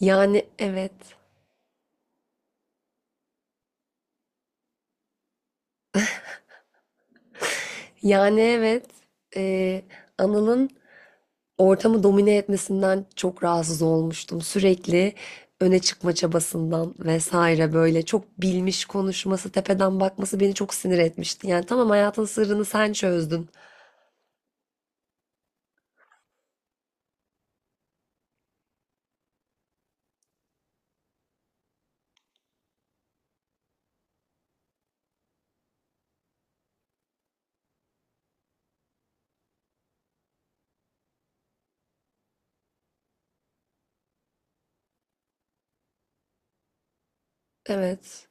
Yani evet. Yani evet. Ee, Anıl'ın ortamı domine etmesinden çok rahatsız olmuştum. Sürekli öne çıkma çabasından vesaire böyle çok bilmiş konuşması, tepeden bakması beni çok sinir etmişti. Yani tamam hayatın sırrını sen çözdün. Evet.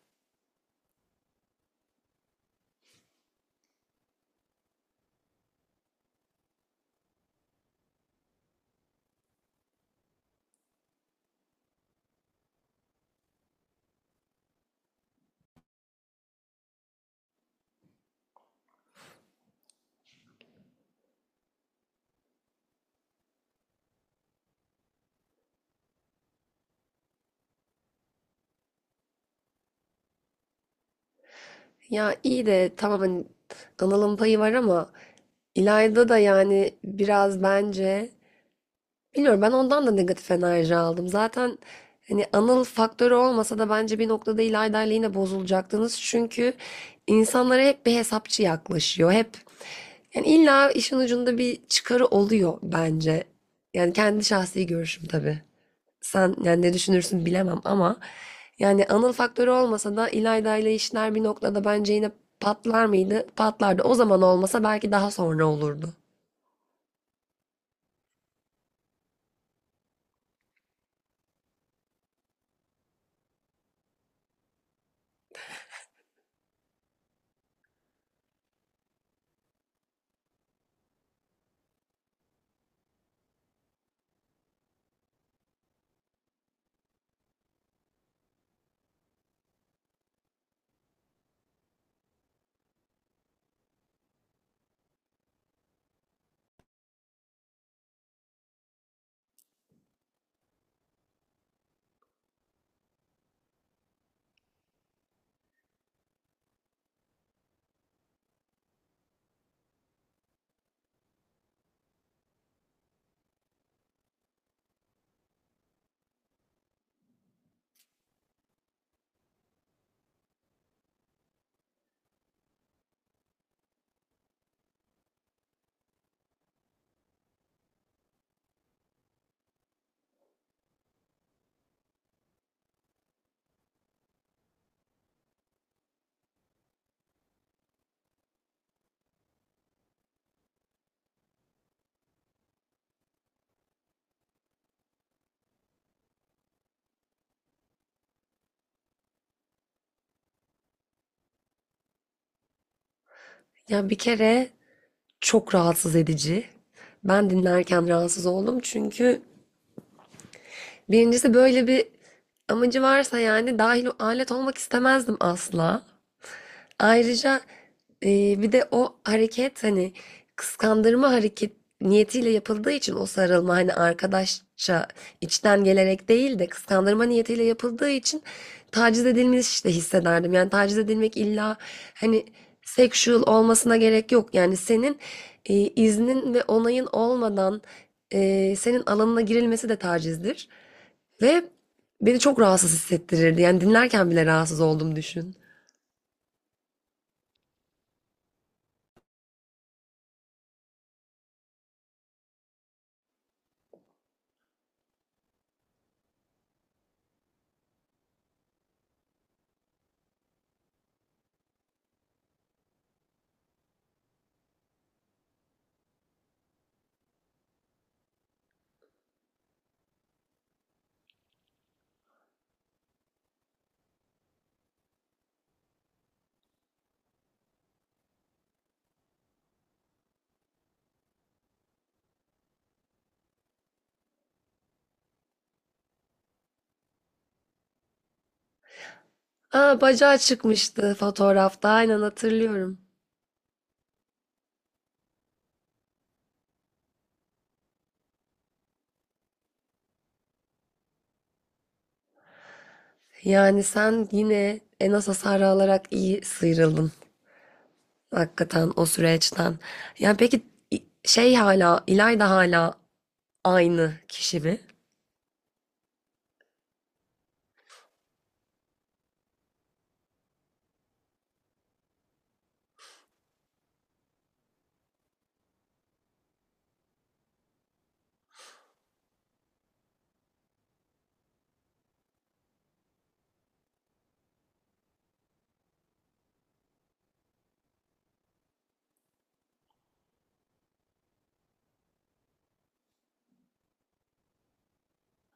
Ya iyi de tamam hani Anıl'ın payı var ama İlayda da yani biraz bence bilmiyorum, ben ondan da negatif enerji aldım. Zaten hani Anıl faktörü olmasa da bence bir noktada İlayda ile yine bozulacaktınız. Çünkü insanlara hep bir hesapçı yaklaşıyor. Hep yani illa işin ucunda bir çıkarı oluyor bence. Yani kendi şahsi görüşüm tabii. Sen yani ne düşünürsün bilemem ama yani Anıl faktörü olmasa da İlayda ile işler bir noktada bence yine patlar mıydı? Patlardı. O zaman olmasa belki daha sonra olurdu. Ya bir kere çok rahatsız edici. Ben dinlerken rahatsız oldum çünkü birincisi böyle bir amacı varsa yani dahil alet olmak istemezdim asla. Ayrıca bir de o hareket hani kıskandırma hareket niyetiyle yapıldığı için o sarılma hani arkadaşça içten gelerek değil de kıskandırma niyetiyle yapıldığı için taciz edilmiş de hissederdim. Yani taciz edilmek illa hani sexual olmasına gerek yok. Yani senin iznin ve onayın olmadan senin alanına girilmesi de tacizdir. Ve beni çok rahatsız hissettirirdi. Yani dinlerken bile rahatsız oldum, düşün. Aa, bacağı çıkmıştı fotoğrafta. Aynen hatırlıyorum. Yani sen yine en az hasar alarak iyi sıyrıldın. Hakikaten o süreçten. Yani peki İlayda hala aynı kişi mi?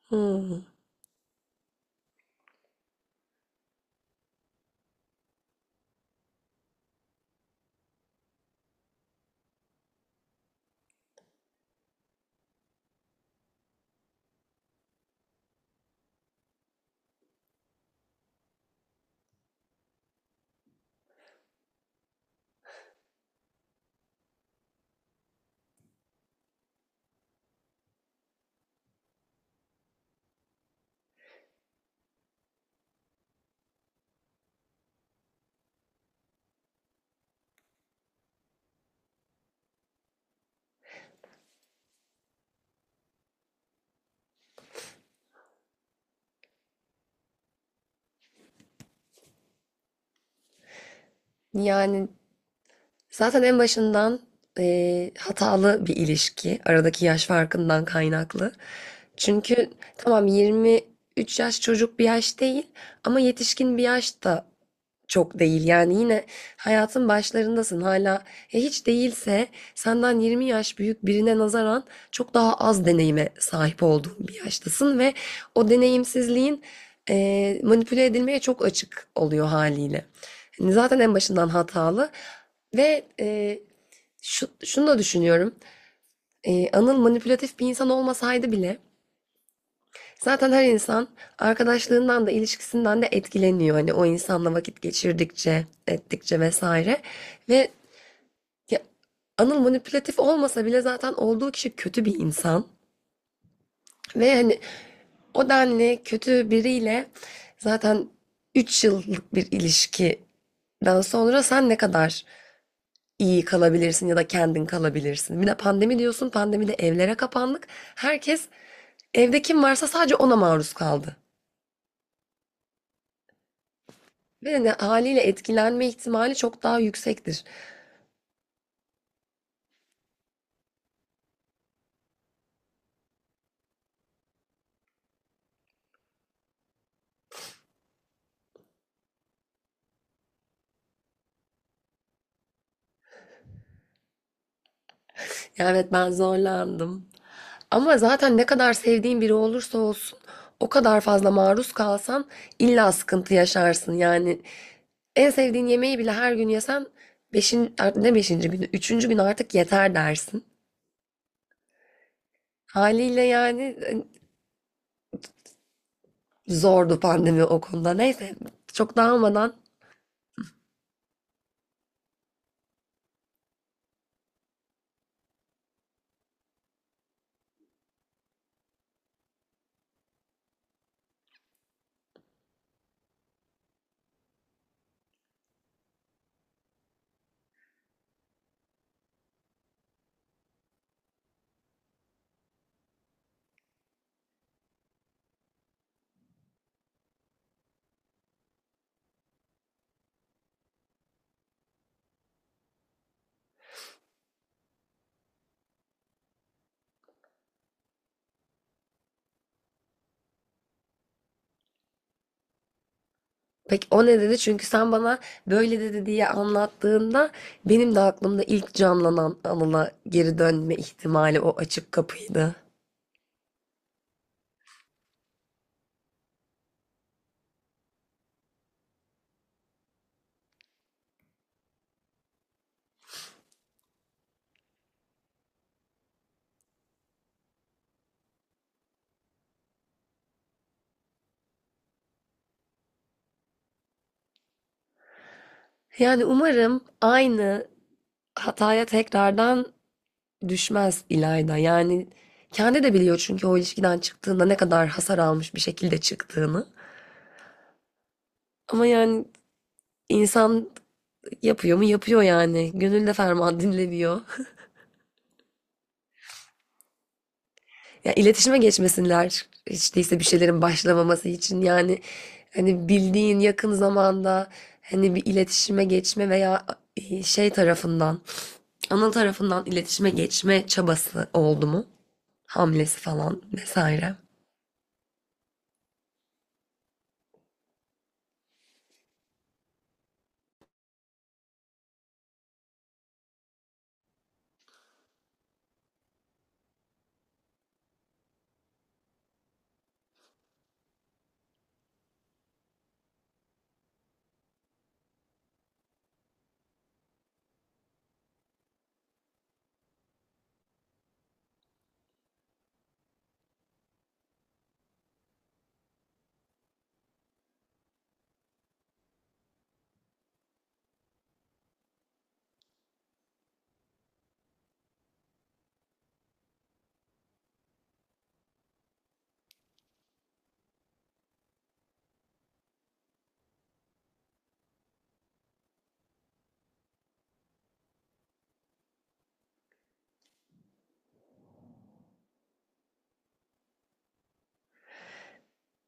Hmm. Yani zaten en başından hatalı bir ilişki. Aradaki yaş farkından kaynaklı. Çünkü tamam 23 yaş çocuk bir yaş değil ama yetişkin bir yaş da çok değil. Yani yine hayatın başlarındasın hala. Hiç değilse senden 20 yaş büyük birine nazaran çok daha az deneyime sahip olduğun bir yaştasın ve o deneyimsizliğin manipüle edilmeye çok açık oluyor haliyle. Hani zaten en başından hatalı. Ve şunu da düşünüyorum. Anıl manipülatif bir insan olmasaydı bile zaten her insan arkadaşlığından da ilişkisinden de etkileniyor. Hani o insanla vakit geçirdikçe, ettikçe vesaire. Ve ya, Anıl manipülatif olmasa bile zaten olduğu kişi kötü bir insan. Ve hani o denli kötü biriyle zaten 3 yıllık bir ilişkiden sonra sen ne kadar iyi kalabilirsin ya da kendin kalabilirsin. Bir de pandemi diyorsun, pandemide evlere kapandık. Herkes evde kim varsa sadece ona maruz kaldı. Ve hani haliyle etkilenme ihtimali çok daha yüksektir. Ya evet, ben zorlandım. Ama zaten ne kadar sevdiğin biri olursa olsun o kadar fazla maruz kalsan illa sıkıntı yaşarsın. Yani en sevdiğin yemeği bile her gün yesen ne beşinci günü, üçüncü gün artık yeter dersin. Haliyle yani zordu pandemi o konuda. Neyse, çok dağılmadan peki o ne dedi? Çünkü sen bana böyle dedi diye anlattığında benim de aklımda ilk canlanan anına geri dönme ihtimali o açık kapıydı. Yani umarım aynı hataya tekrardan düşmez İlayda. Yani kendi de biliyor çünkü o ilişkiden çıktığında ne kadar hasar almış bir şekilde çıktığını. Ama yani insan yapıyor mu? Yapıyor yani. Gönül de ferman dinlemiyor. Ya iletişime geçmesinler. Hiç değilse bir şeylerin başlamaması için yani hani bildiğin yakın zamanda hani bir iletişime geçme veya şey tarafından, ana tarafından iletişime geçme çabası oldu mu? Hamlesi falan vesaire.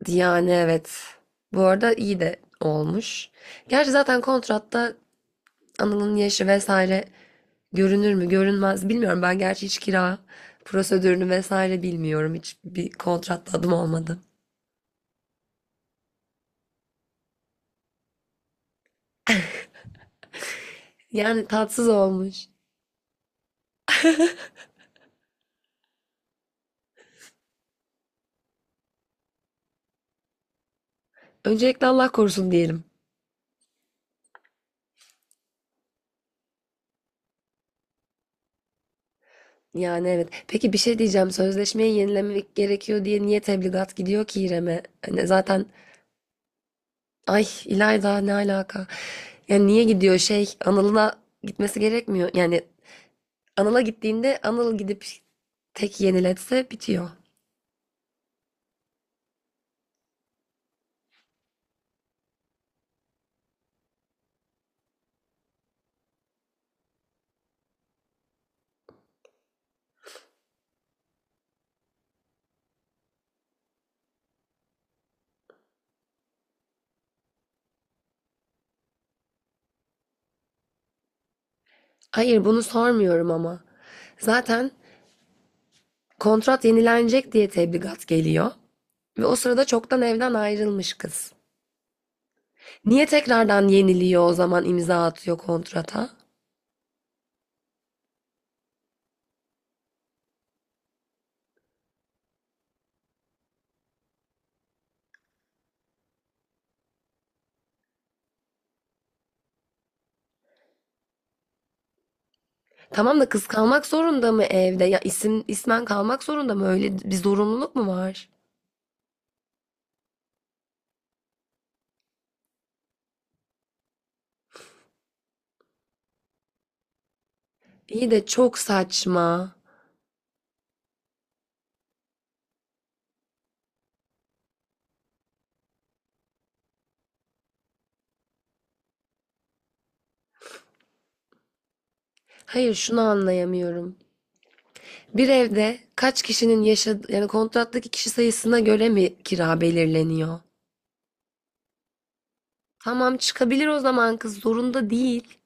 Yani evet. Bu arada iyi de olmuş. Gerçi zaten kontratta Anıl'ın yaşı vesaire görünür mü görünmez bilmiyorum. Ben gerçi hiç kira prosedürünü vesaire bilmiyorum. Hiç bir kontratta adım olmadı. Yani tatsız olmuş. Öncelikle Allah korusun diyelim. Yani evet. Peki bir şey diyeceğim. Sözleşmeyi yenilemek gerekiyor diye niye tebligat gidiyor ki İrem'e? Hani zaten ay İlayda ne alaka? Yani niye gidiyor, şey Anıl'ına gitmesi gerekmiyor. Yani Anıl'a gittiğinde Anıl gidip tek yeniletse bitiyor. Hayır, bunu sormuyorum ama. Zaten kontrat yenilenecek diye tebligat geliyor. Ve o sırada çoktan evden ayrılmış kız. Niye tekrardan yeniliyor o zaman, imza atıyor kontrata? Tamam da kız kalmak zorunda mı evde? Ya isim ismen kalmak zorunda mı? Öyle bir zorunluluk mu var? İyi de çok saçma. Hayır, şunu anlayamıyorum. Bir evde kaç kişinin yaşadığı, yani kontrattaki kişi sayısına göre mi kira belirleniyor? Tamam, çıkabilir o zaman, kız zorunda değil.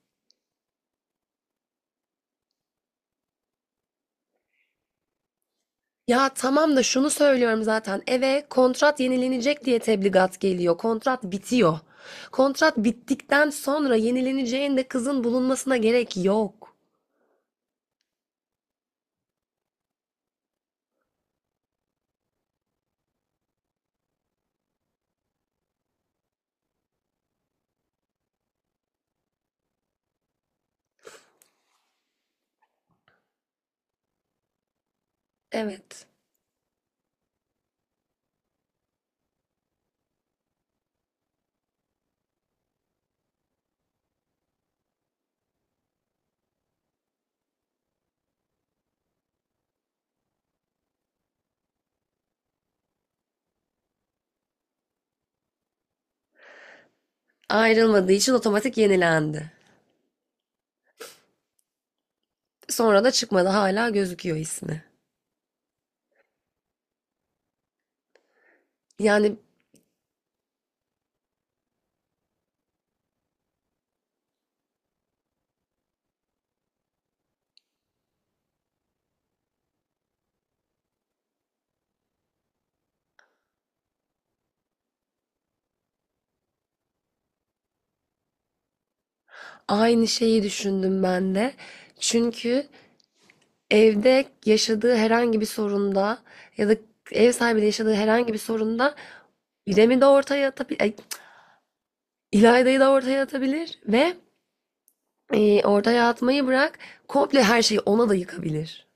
Ya tamam da şunu söylüyorum zaten. Eve kontrat yenilenecek diye tebligat geliyor. Kontrat bitiyor. Kontrat bittikten sonra yenileneceğinde kızın bulunmasına gerek yok. Evet. Ayrılmadığı için otomatik yenilendi. Sonra da çıkmadı, hala gözüküyor ismi. Yani aynı şeyi düşündüm ben de. Çünkü evde yaşadığı herhangi bir sorunda ya da ev sahibiyle yaşadığı herhangi bir sorunda İrem'i de ortaya atabilir, İlayda'yı da ortaya atabilir ve orada yatmayı bırak. Komple her şeyi ona da yıkabilir.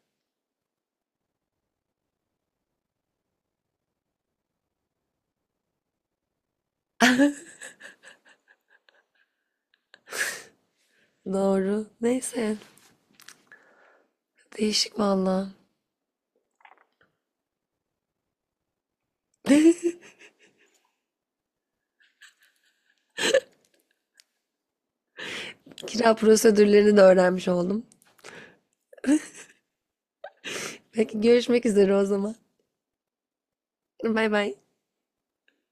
Doğru. Neyse. Değişik valla. Kira prosedürlerini de öğrenmiş oldum. Peki görüşmek üzere o zaman. Bay bay.